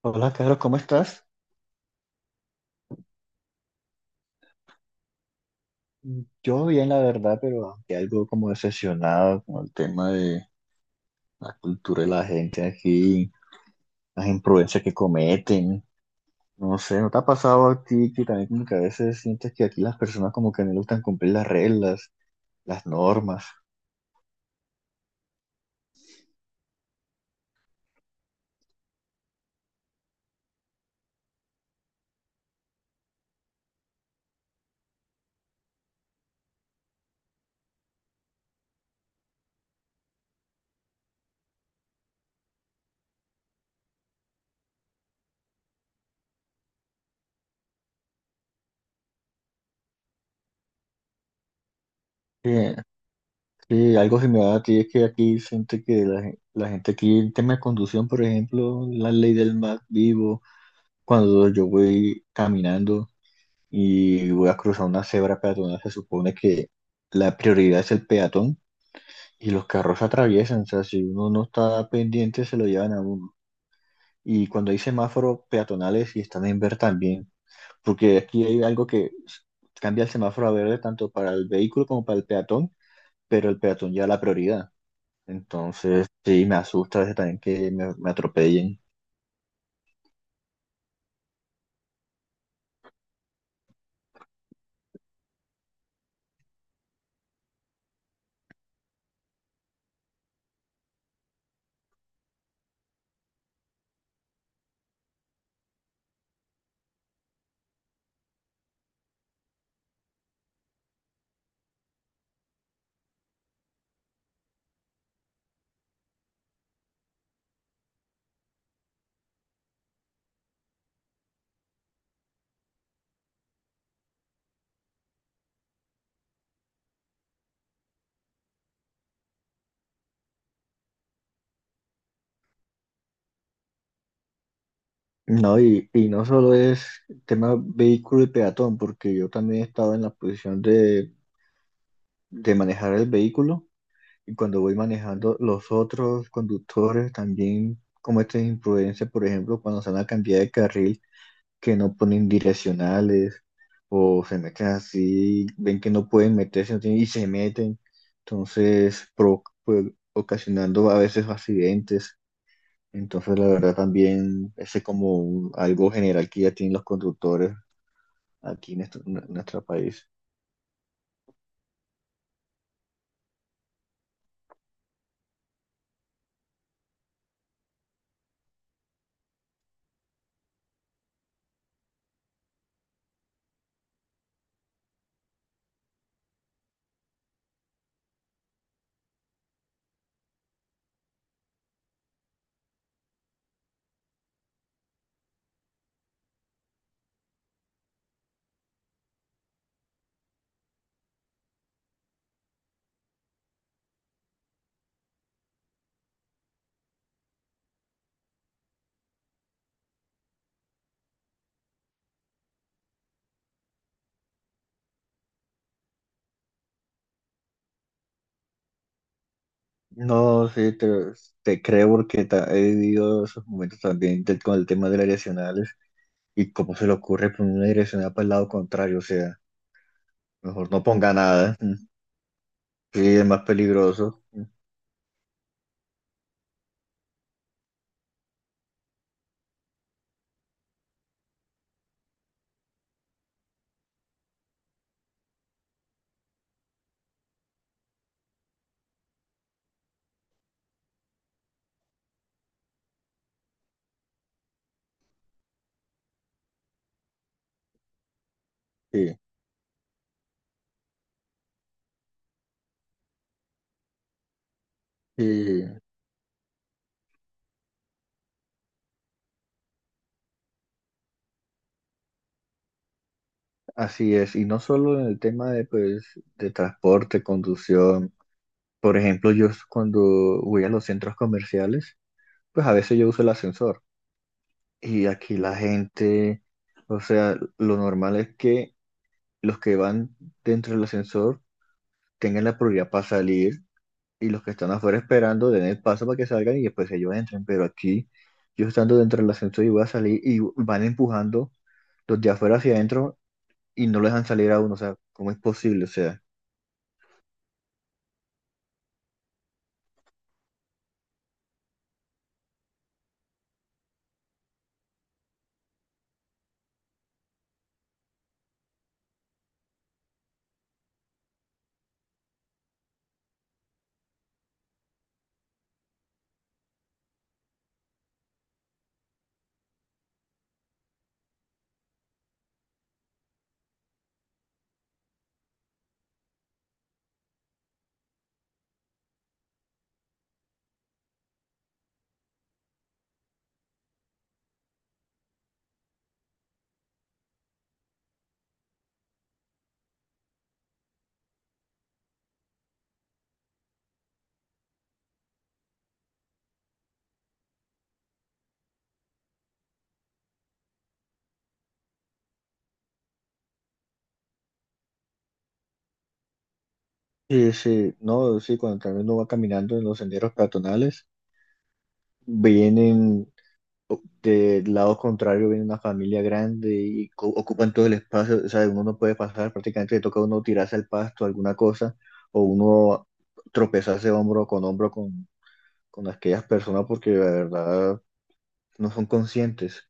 Hola, Carlos, ¿cómo estás? Yo bien, la verdad, pero aunque algo como decepcionado con el tema de la cultura de la gente aquí, las imprudencias que cometen. No sé, ¿no te ha pasado a ti que también como que a veces sientes que aquí las personas como que no le gustan cumplir las reglas, las normas? Sí, sí, algo similar a ti es que aquí siente que la gente aquí, el tema de conducción, por ejemplo, la ley del más vivo, cuando yo voy caminando y voy a cruzar una cebra peatonal, se supone que la prioridad es el peatón y los carros atraviesan, o sea, si uno no está pendiente se lo llevan a uno. Y cuando hay semáforos peatonales y están en verde también, porque aquí hay algo que cambia el semáforo a verde tanto para el vehículo como para el peatón, pero el peatón ya la prioridad. Entonces, sí, me asusta a veces también que me atropellen. No, y no solo es tema vehículo y peatón, porque yo también he estado en la posición de manejar el vehículo y cuando voy manejando los otros conductores también cometen imprudencia, por ejemplo, cuando se van a cambiar de carril que no ponen direccionales o se meten así, ven que no pueden meterse no tienen- y se meten, entonces pues, ocasionando a veces accidentes. Entonces, la verdad también ese es como algo general que ya tienen los conductores aquí en, nuestro país. No, sí, te creo porque he vivido esos momentos también con el tema de las direccionales y cómo se le ocurre poner una direccional para el lado contrario, o sea, mejor no ponga nada, sí, es más peligroso, sí, sí, así es, y no solo en el tema de, pues, de transporte, conducción, por ejemplo, yo cuando voy a los centros comerciales, pues a veces yo uso el ascensor y aquí la gente, o sea, lo normal es que los que van dentro del ascensor, tengan la prioridad para salir y los que están afuera esperando den el paso para que salgan y después ellos entren. Pero aquí, yo estando dentro del ascensor y voy a salir y van empujando los de afuera hacia adentro y no lo dejan salir a uno. O sea, ¿cómo es posible? O sea, sí, sí, no, sí, cuando también uno va caminando en los senderos peatonales, vienen del lado contrario, viene una familia grande y ocupan todo el espacio. O sea, uno no puede pasar, prácticamente le toca a uno tirarse al pasto, alguna cosa, o uno tropezarse hombro con hombro con aquellas personas porque la verdad no son conscientes.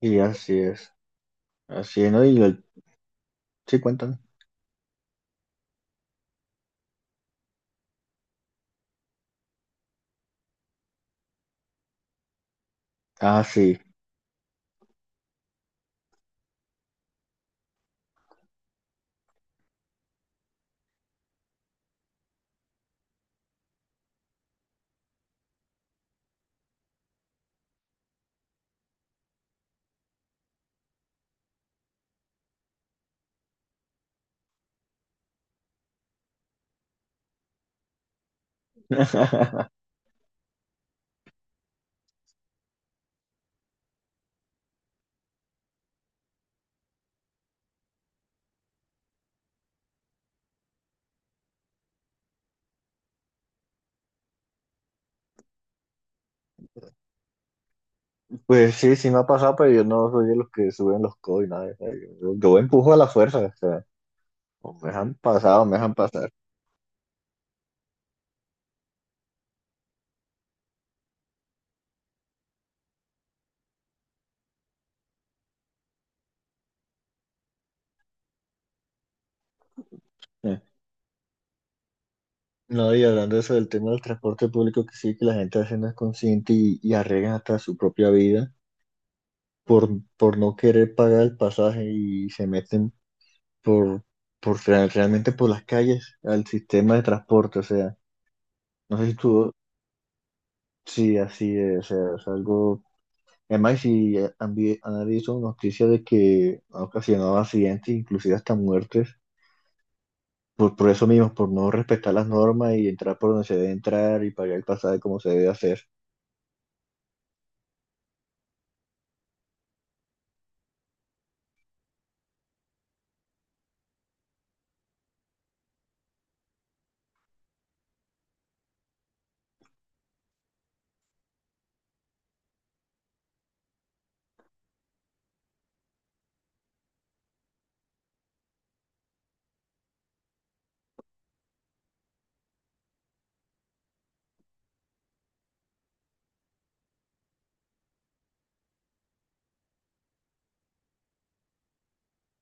Y así es, ¿no? Sí, cuentan. Ah, sí. Pues sí, sí me ha pasado, pero yo no soy de los que suben los codos y nada, o sea, yo empujo a la fuerza, o sea, o me dejan pasar o me dejan pasar. Eh. No, y hablando de eso del tema del transporte público, que sí, que la gente a veces no es consciente y arriesgan hasta su propia vida por, por no querer pagar el pasaje y se meten por, por realmente por las calles al sistema de transporte, o sea. No sé si tú, sí, así es, o sea, es algo, además si han, han visto noticias de que ha ocasionado accidentes, inclusive hasta muertes, por eso mismo, por no respetar las normas y entrar por donde se debe entrar y pagar el pasaje como se debe hacer.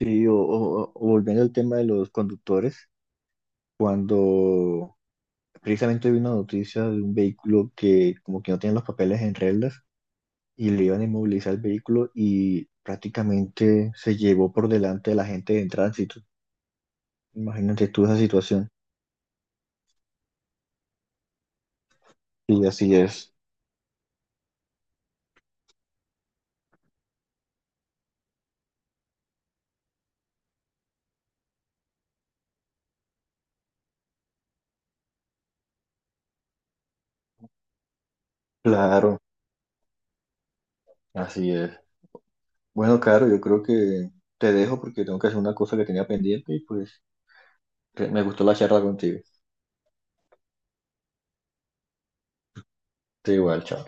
Sí, o volviendo al tema de los conductores, cuando precisamente vi una noticia de un vehículo que como que no tiene los papeles en reglas y le iban a inmovilizar el vehículo y prácticamente se llevó por delante de la gente en tránsito. Imagínate tú esa situación. Y así es. Claro, así es. Bueno, Caro, yo creo que te dejo porque tengo que hacer una cosa que tenía pendiente y pues que me gustó la charla contigo. Te igual, chao.